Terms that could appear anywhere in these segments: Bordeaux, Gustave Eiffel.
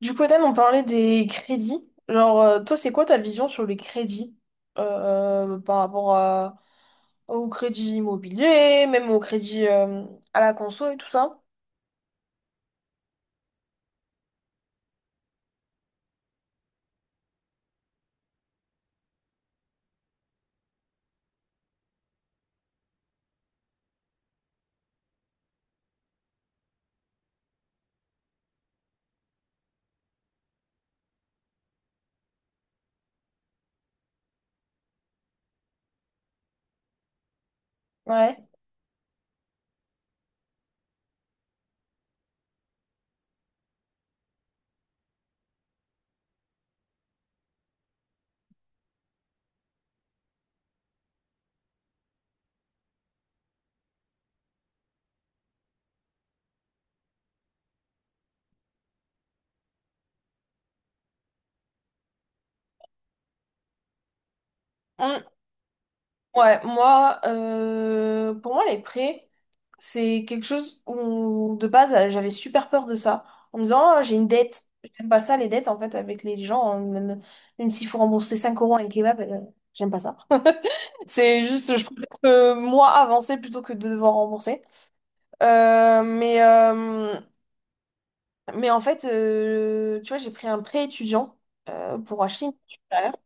Du coup, Ethan, on parlait des crédits. Toi, c'est quoi ta vision sur les crédits par rapport au crédit immobilier, même au crédit à la conso et tout ça? Ouais. Hum. Ouais, moi, pour moi, les prêts, c'est quelque chose où, de base, j'avais super peur de ça. En me disant, ah, j'ai une dette. J'aime pas ça, les dettes, en fait, avec les gens, hein, même s'il faut rembourser 5 euros à un kebab, j'aime pas ça. C'est juste, je préfère que moi avancer plutôt que de devoir rembourser. Euh, mais, euh, mais en fait, tu vois, j'ai pris un prêt étudiant pour acheter une voiture derrière.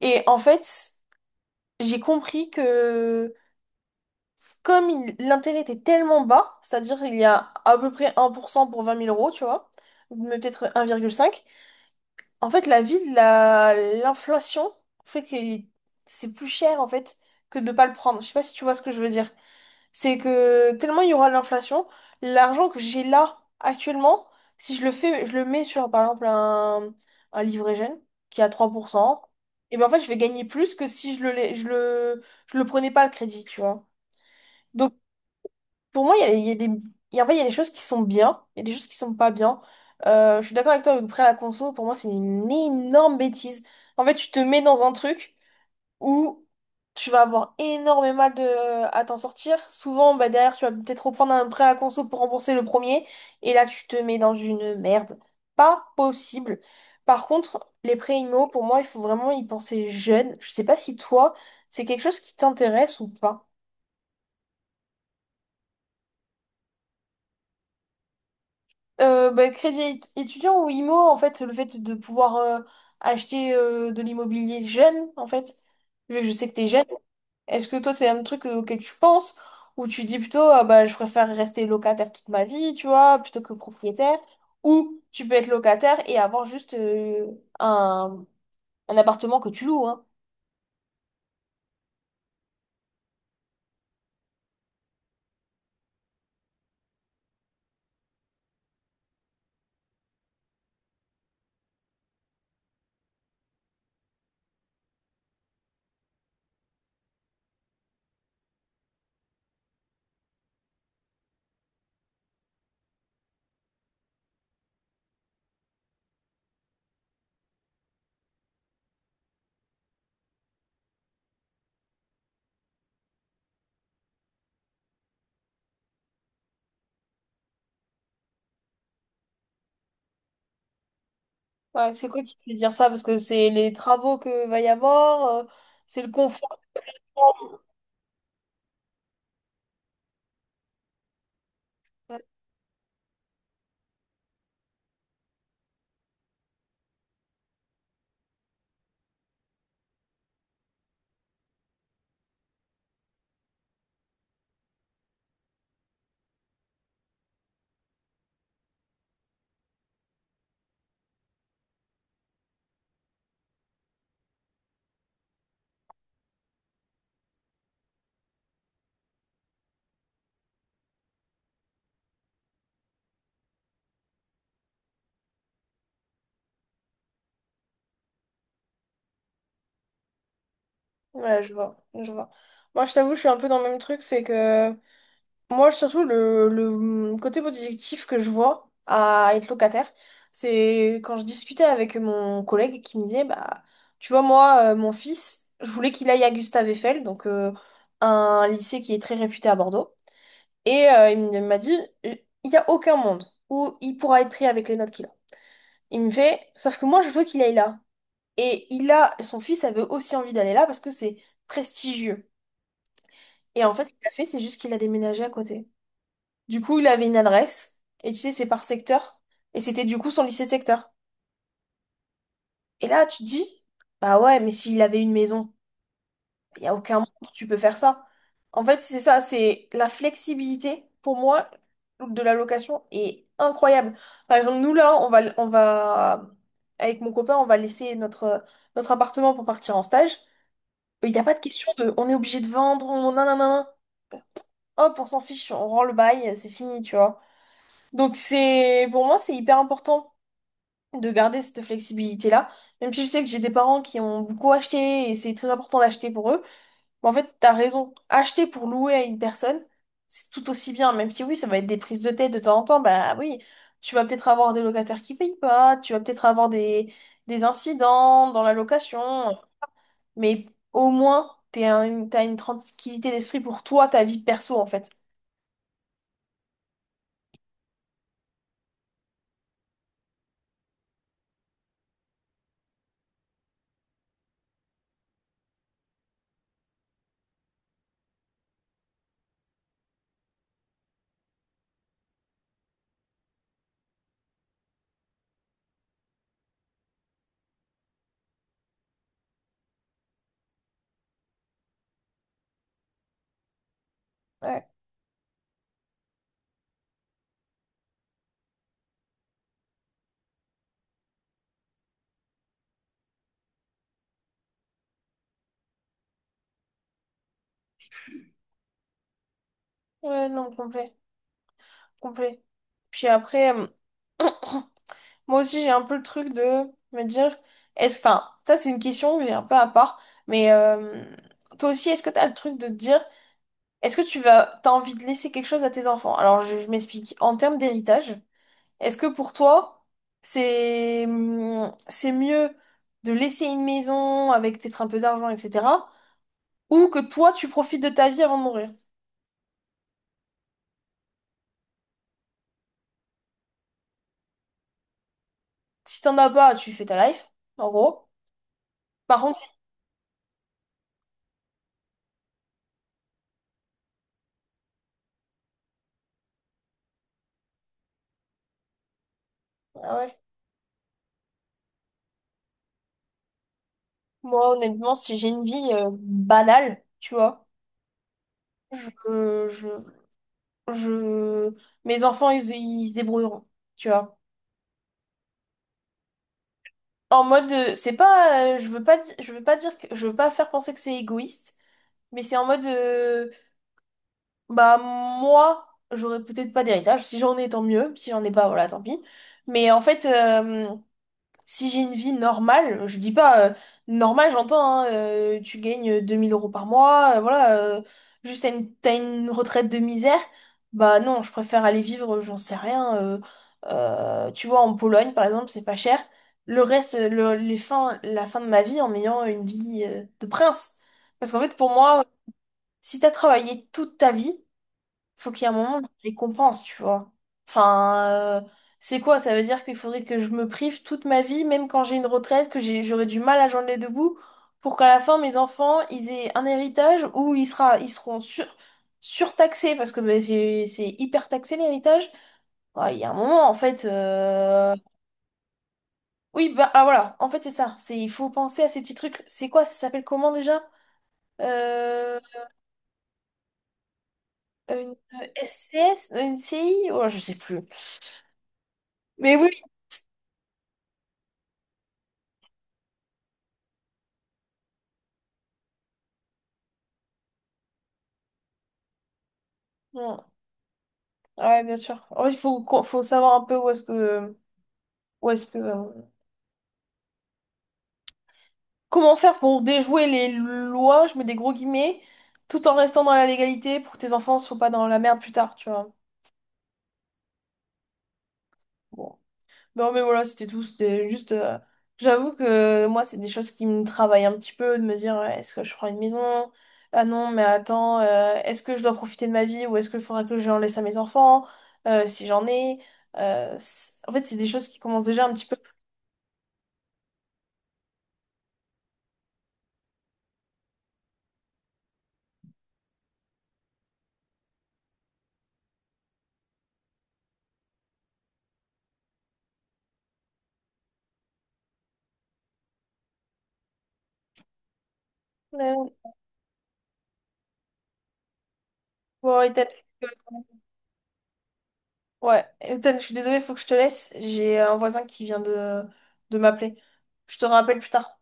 Et en fait, j'ai compris que l'intérêt était tellement bas, c'est-à-dire qu'il y a à peu près 1% pour 20 000 euros, tu vois, mais peut-être 1,5. En fait, l'inflation fait que c'est plus cher, en fait, que de pas le prendre. Je sais pas si tu vois ce que je veux dire. C'est que tellement il y aura de l'inflation, l'argent que j'ai là actuellement, si je le fais, je le mets sur par exemple un livret jeune qui est à 3%, et ben en fait je vais gagner plus que si je le prenais pas le crédit, tu vois. Donc pour moi, il y a des, il y a- en fait, il y a des choses qui sont bien, il y a des choses qui sont pas bien. Je suis d'accord avec toi, le prêt à la conso, pour moi, c'est une énorme bêtise. En fait, tu te mets dans un truc où tu vas avoir énormément mal de à t'en sortir. Souvent, bah, derrière, tu vas peut-être reprendre un prêt à conso pour rembourser le premier, et là, tu te mets dans une merde. Pas possible. Par contre, les prêts IMO, pour moi, il faut vraiment y penser jeune. Je sais pas si toi, c'est quelque chose qui t'intéresse ou pas. Bah, étudiant ou IMO, en fait, le fait de pouvoir acheter de l'immobilier jeune, en fait, vu que je sais que t'es jeune. Est-ce que toi, c'est un truc auquel tu penses, ou tu dis plutôt, ah bah, je préfère rester locataire toute ma vie, tu vois, plutôt que propriétaire, ou tu peux être locataire et avoir juste un, un appartement que tu loues, hein. Ouais, c'est quoi qui te fait dire ça? Parce que c'est les travaux que va y avoir, c'est le confort. Ouais, je vois, je vois. Moi, je t'avoue, je suis un peu dans le même truc, c'est que moi, surtout, côté positif que je vois à être locataire, c'est quand je discutais avec mon collègue qui me disait, bah, tu vois, moi, mon fils, je voulais qu'il aille à Gustave Eiffel, donc un lycée qui est très réputé à Bordeaux, et il m'a dit, il n'y a aucun monde où il pourra être pris avec les notes qu'il a. Il me fait, sauf que moi, je veux qu'il aille là. Et il a, son fils avait aussi envie d'aller là parce que c'est prestigieux. Et en fait, ce qu'il a fait, c'est juste qu'il a déménagé à côté. Du coup, il avait une adresse, et tu sais, c'est par secteur, et c'était du coup son lycée de secteur. Et là, tu te dis, bah ouais, mais s'il avait une maison, il n'y a aucun monde où tu peux faire ça. En fait, c'est ça, c'est la flexibilité, pour moi, de la location est incroyable. Par exemple, nous, là, avec mon copain, on va laisser notre appartement pour partir en stage. Il n'y a pas de question de, on est obligé de vendre, on, nanana, hop, on s'en fiche, on rend le bail, c'est fini, tu vois. Donc c'est pour moi c'est hyper important de garder cette flexibilité-là. Même si je sais que j'ai des parents qui ont beaucoup acheté et c'est très important d'acheter pour eux. Mais en fait, t'as raison. Acheter pour louer à une personne, c'est tout aussi bien. Même si oui, ça va être des prises de tête de temps en temps, bah oui, tu vas peut-être avoir des locataires qui payent pas, tu vas peut-être avoir des incidents dans la location, mais au moins t'es un- t'as une tranquillité d'esprit pour toi, ta vie perso en fait. Ouais, ouais, non, complet, complet. Puis après. Moi aussi, j'ai un peu le truc de me dire, enfin, ça c'est une question que j'ai un peu à part, mais toi aussi, est-ce que t'as le truc de te dire, est-ce que tu vas, t'as envie de laisser quelque chose à tes enfants? Alors, je m'explique. En termes d'héritage, est-ce que pour toi, c'est mieux de laisser une maison avec peut-être un peu d'argent, etc., ou que toi, tu profites de ta vie avant de mourir? Si t'en as pas, tu fais ta life, en gros. Par contre, si- ah ouais. Moi, honnêtement, si j'ai une vie banale, tu vois. je, je, je- Mes enfants, ils se débrouilleront, tu vois. En mode, c'est pas, je veux pas, di- je veux pas dire que, je veux pas faire penser que c'est égoïste, mais c'est en mode, bah, moi, j'aurais peut-être pas d'héritage. Si j'en ai, tant mieux. Si j'en ai pas, voilà, tant pis. Mais en fait, euh, Si j'ai une vie normale, je dis pas normale, j'entends, hein, tu gagnes 2000 euros par mois, voilà, juste t'as une retraite de misère, bah non, je préfère aller vivre, j'en sais rien, tu vois, en Pologne par exemple, c'est pas cher. Le reste, le, les fins, la fin de ma vie en ayant une vie de prince. Parce qu'en fait, pour moi, si t'as travaillé toute ta vie, faut qu'il y ait un moment de récompense, tu vois. Enfin, euh, c'est quoi? Ça veut dire qu'il faudrait que je me prive toute ma vie, même quand j'ai une retraite, j'aurai du mal à joindre les deux bouts, pour qu'à la fin, mes enfants, ils aient un héritage ils seront surtaxés, parce que bah, c'est hyper taxé l'héritage. Ouais, il y a un moment, en fait. Oui, voilà, en fait, c'est ça. C'est, il faut penser à ces petits trucs. C'est quoi? Ça s'appelle comment déjà? Euh, une SCS? Une CI? Oh, je sais plus. Mais oui. Ouais, bien sûr. Ouais, faut savoir un peu où est-ce que, comment faire pour déjouer les lois, je mets des gros guillemets, tout en restant dans la légalité pour que tes enfants soient pas dans la merde plus tard, tu vois. Bon. Non, mais voilà, c'était tout. C'était juste. J'avoue que moi, c'est des choses qui me travaillent un petit peu, de me dire, ouais, est-ce que je prends une maison? Ah non, mais attends, est-ce que je dois profiter de ma vie ou est-ce qu'il faudra que j'en laisse à mes enfants, si j'en ai? En fait, c'est des choses qui commencent déjà un petit peu. Ouais, bon, et t'as- Ouais, Ethan, je suis désolée, faut que je te laisse. J'ai un voisin qui vient de m'appeler. Je te rappelle plus tard.